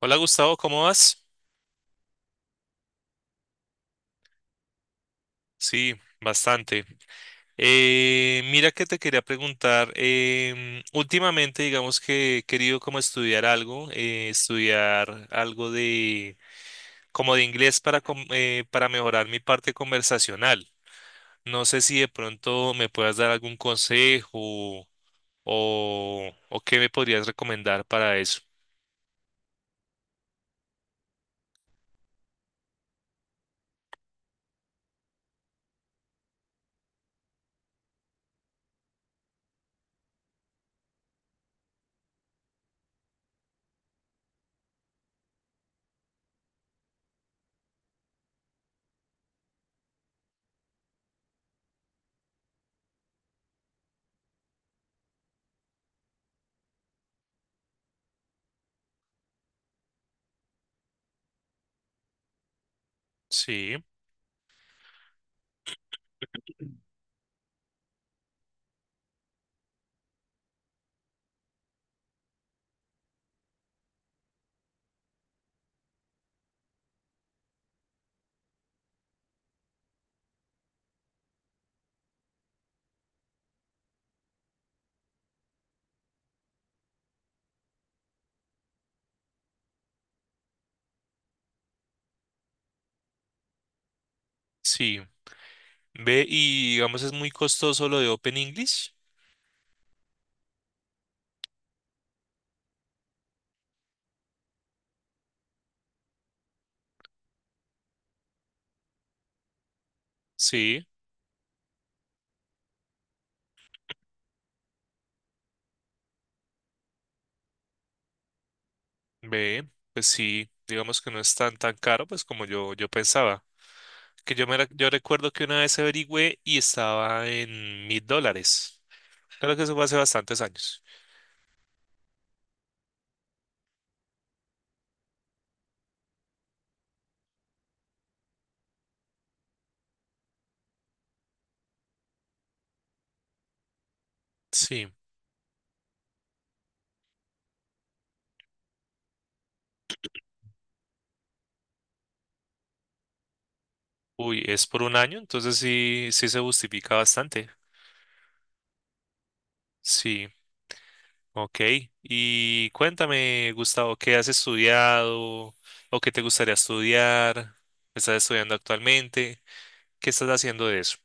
Hola Gustavo, ¿cómo vas? Sí, bastante. Mira que te quería preguntar, últimamente digamos que he querido como estudiar algo de como de inglés para mejorar mi parte conversacional. No sé si de pronto me puedas dar algún consejo o qué me podrías recomendar para eso. Sí, sí. Ve, y digamos es muy costoso lo de Open English. Sí. Ve, pues sí, digamos que no es tan tan caro, pues como yo pensaba. Que yo recuerdo que una vez averigüé y estaba en $1,000. Claro que eso fue hace bastantes años. Sí. Uy, es por un año, entonces sí, sí se justifica bastante. Sí, ok. Y cuéntame, Gustavo, ¿qué has estudiado o qué te gustaría estudiar? ¿Estás estudiando actualmente? ¿Qué estás haciendo de eso?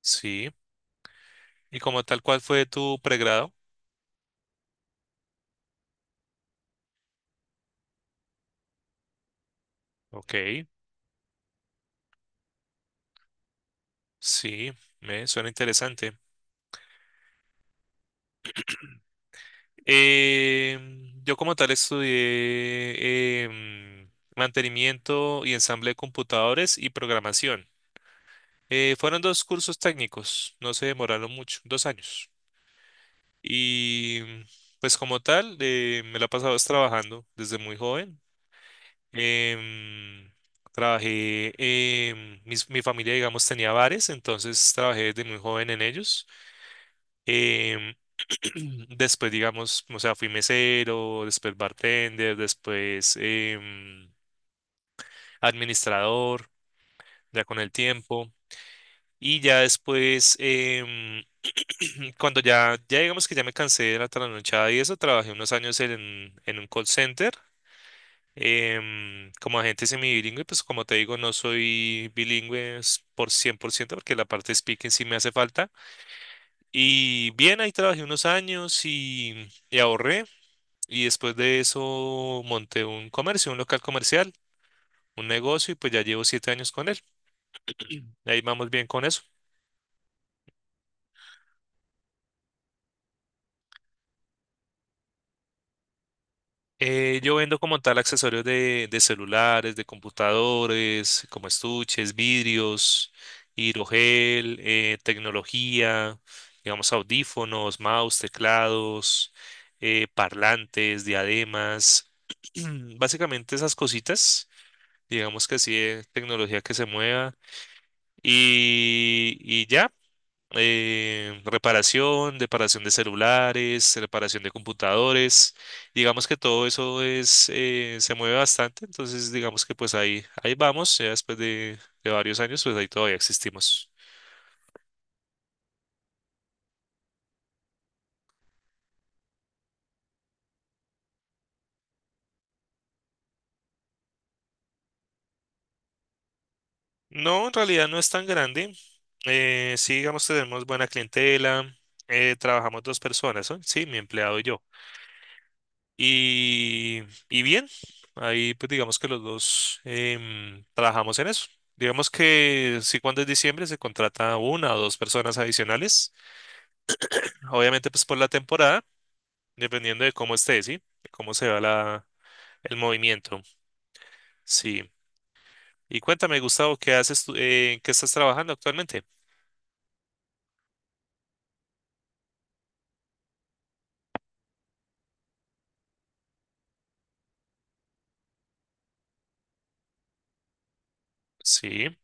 Sí. ¿Y como tal, cuál fue tu pregrado? Ok, sí, me suena interesante. Yo como tal estudié mantenimiento y ensamble de computadores y programación. Fueron dos cursos técnicos, no se demoraron mucho, 2 años. Y pues como tal, me la he pasado es trabajando desde muy joven. Em, Trabajé, mi familia, digamos, tenía bares, entonces trabajé desde muy joven en ellos. Em, después, digamos, o sea, fui mesero, después bartender, después administrador, ya con el tiempo. Y ya después, cuando ya digamos que ya me cansé de la trasnochada y eso, trabajé unos años en un call center. Como agente semibilingüe, pues como te digo, no soy bilingüe por 100% porque la parte de speaking sí me hace falta. Y bien, ahí trabajé unos años y ahorré. Y después de eso monté un comercio, un local comercial, un negocio y pues ya llevo 7 años con él. Ahí vamos bien con eso. Yo vendo como tal accesorios de celulares, de computadores, como estuches, vidrios, hidrogel, tecnología, digamos audífonos, mouse, teclados, parlantes, diademas, básicamente esas cositas, digamos que sí, tecnología que se mueva y ya reparación, reparación de celulares, reparación de computadores. Digamos que todo eso se mueve bastante, entonces digamos que pues ahí vamos, ya después de varios años, pues ahí todavía existimos. No, en realidad no es tan grande. Sí, digamos, tenemos buena clientela. Trabajamos dos personas, ¿no? Sí, mi empleado y yo. Y, y bien, ahí pues digamos que los dos trabajamos en eso. Digamos que sí, cuando es diciembre se contrata una o dos personas adicionales, obviamente pues por la temporada, dependiendo de cómo esté, ¿sí? De cómo se va el movimiento, sí. Y cuéntame, Gustavo, ¿qué haces tú, en qué estás trabajando actualmente? Sí,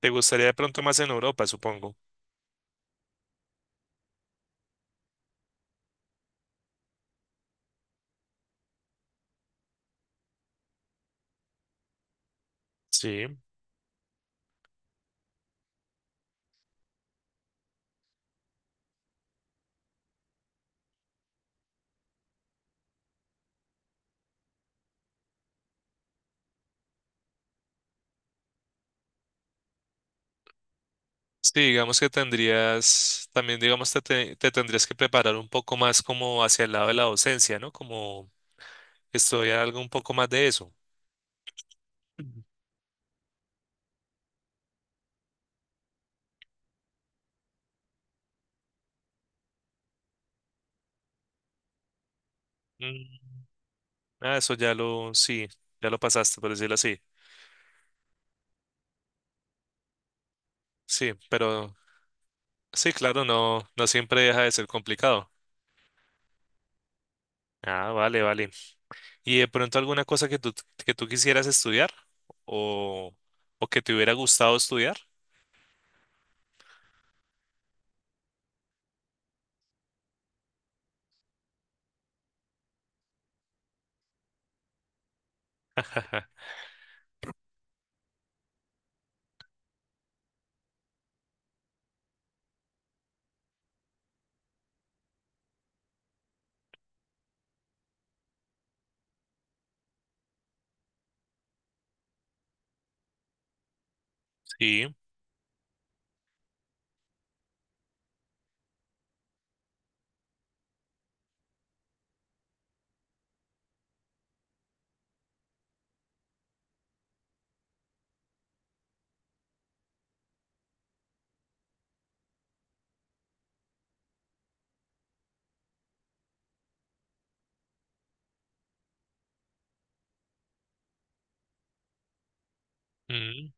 te gustaría de pronto más en Europa, supongo. Sí. Sí, digamos que tendrías, también digamos te tendrías que preparar un poco más como hacia el lado de la docencia, ¿no? Como estudiar algo un poco más de eso. Ujú. Mm, ah, eso ya lo, sí, ya lo pasaste, por decirlo así. Sí, pero sí, claro, no, no siempre deja de ser complicado. Ah, vale, vale. ¿Y de pronto alguna cosa que tú, quisieras estudiar o, o que te hubiera gustado estudiar? Ajá, sí. Mm.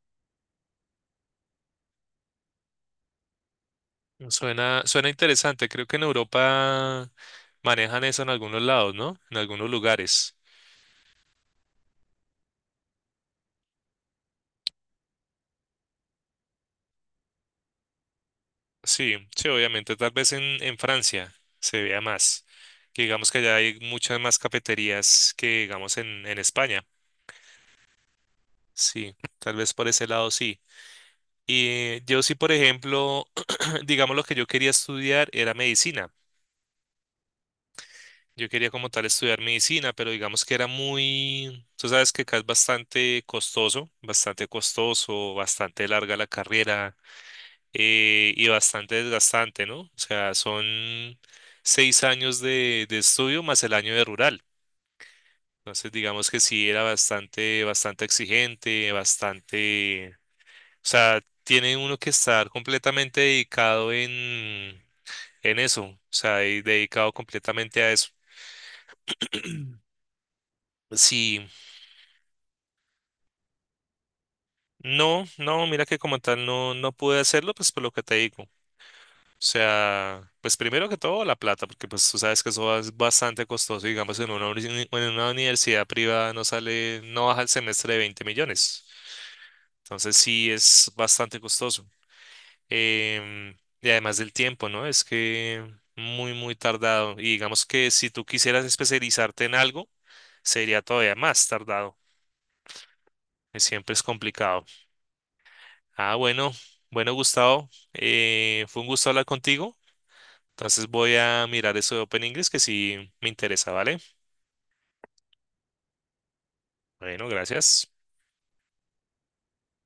Suena interesante. Creo que en Europa manejan eso en algunos lados, ¿no? En algunos lugares. Sí, sí, obviamente. Tal vez en Francia se vea más. Que digamos que allá hay muchas más cafeterías que, digamos, en España. Sí, tal vez por ese lado sí. Y yo sí, por ejemplo, digamos lo que yo quería estudiar era medicina. Yo quería como tal estudiar medicina, pero digamos que era muy, tú sabes que acá es bastante costoso, bastante costoso, bastante larga la carrera y bastante desgastante, ¿no? O sea, son 6 años de estudio más el año de rural. Entonces, digamos que sí era bastante, bastante exigente, bastante, o sea, tiene uno que estar completamente dedicado en eso, o sea, y dedicado completamente a eso. Sí, no, no, mira que como tal no pude hacerlo, pues por lo que te digo. O sea, pues primero que todo la plata, porque pues tú sabes que eso es bastante costoso. Digamos, en una universidad privada no sale, no baja el semestre de 20 millones. Entonces sí es bastante costoso. Em, y además del tiempo, ¿no? Es que muy, muy tardado. Y digamos que si tú quisieras especializarte en algo, sería todavía más tardado. Que siempre es complicado. Ah, bueno, bueno, Gustavo, fue un gusto hablar contigo. Entonces voy a mirar eso de Open English que sí me interesa, ¿vale? Bueno, gracias.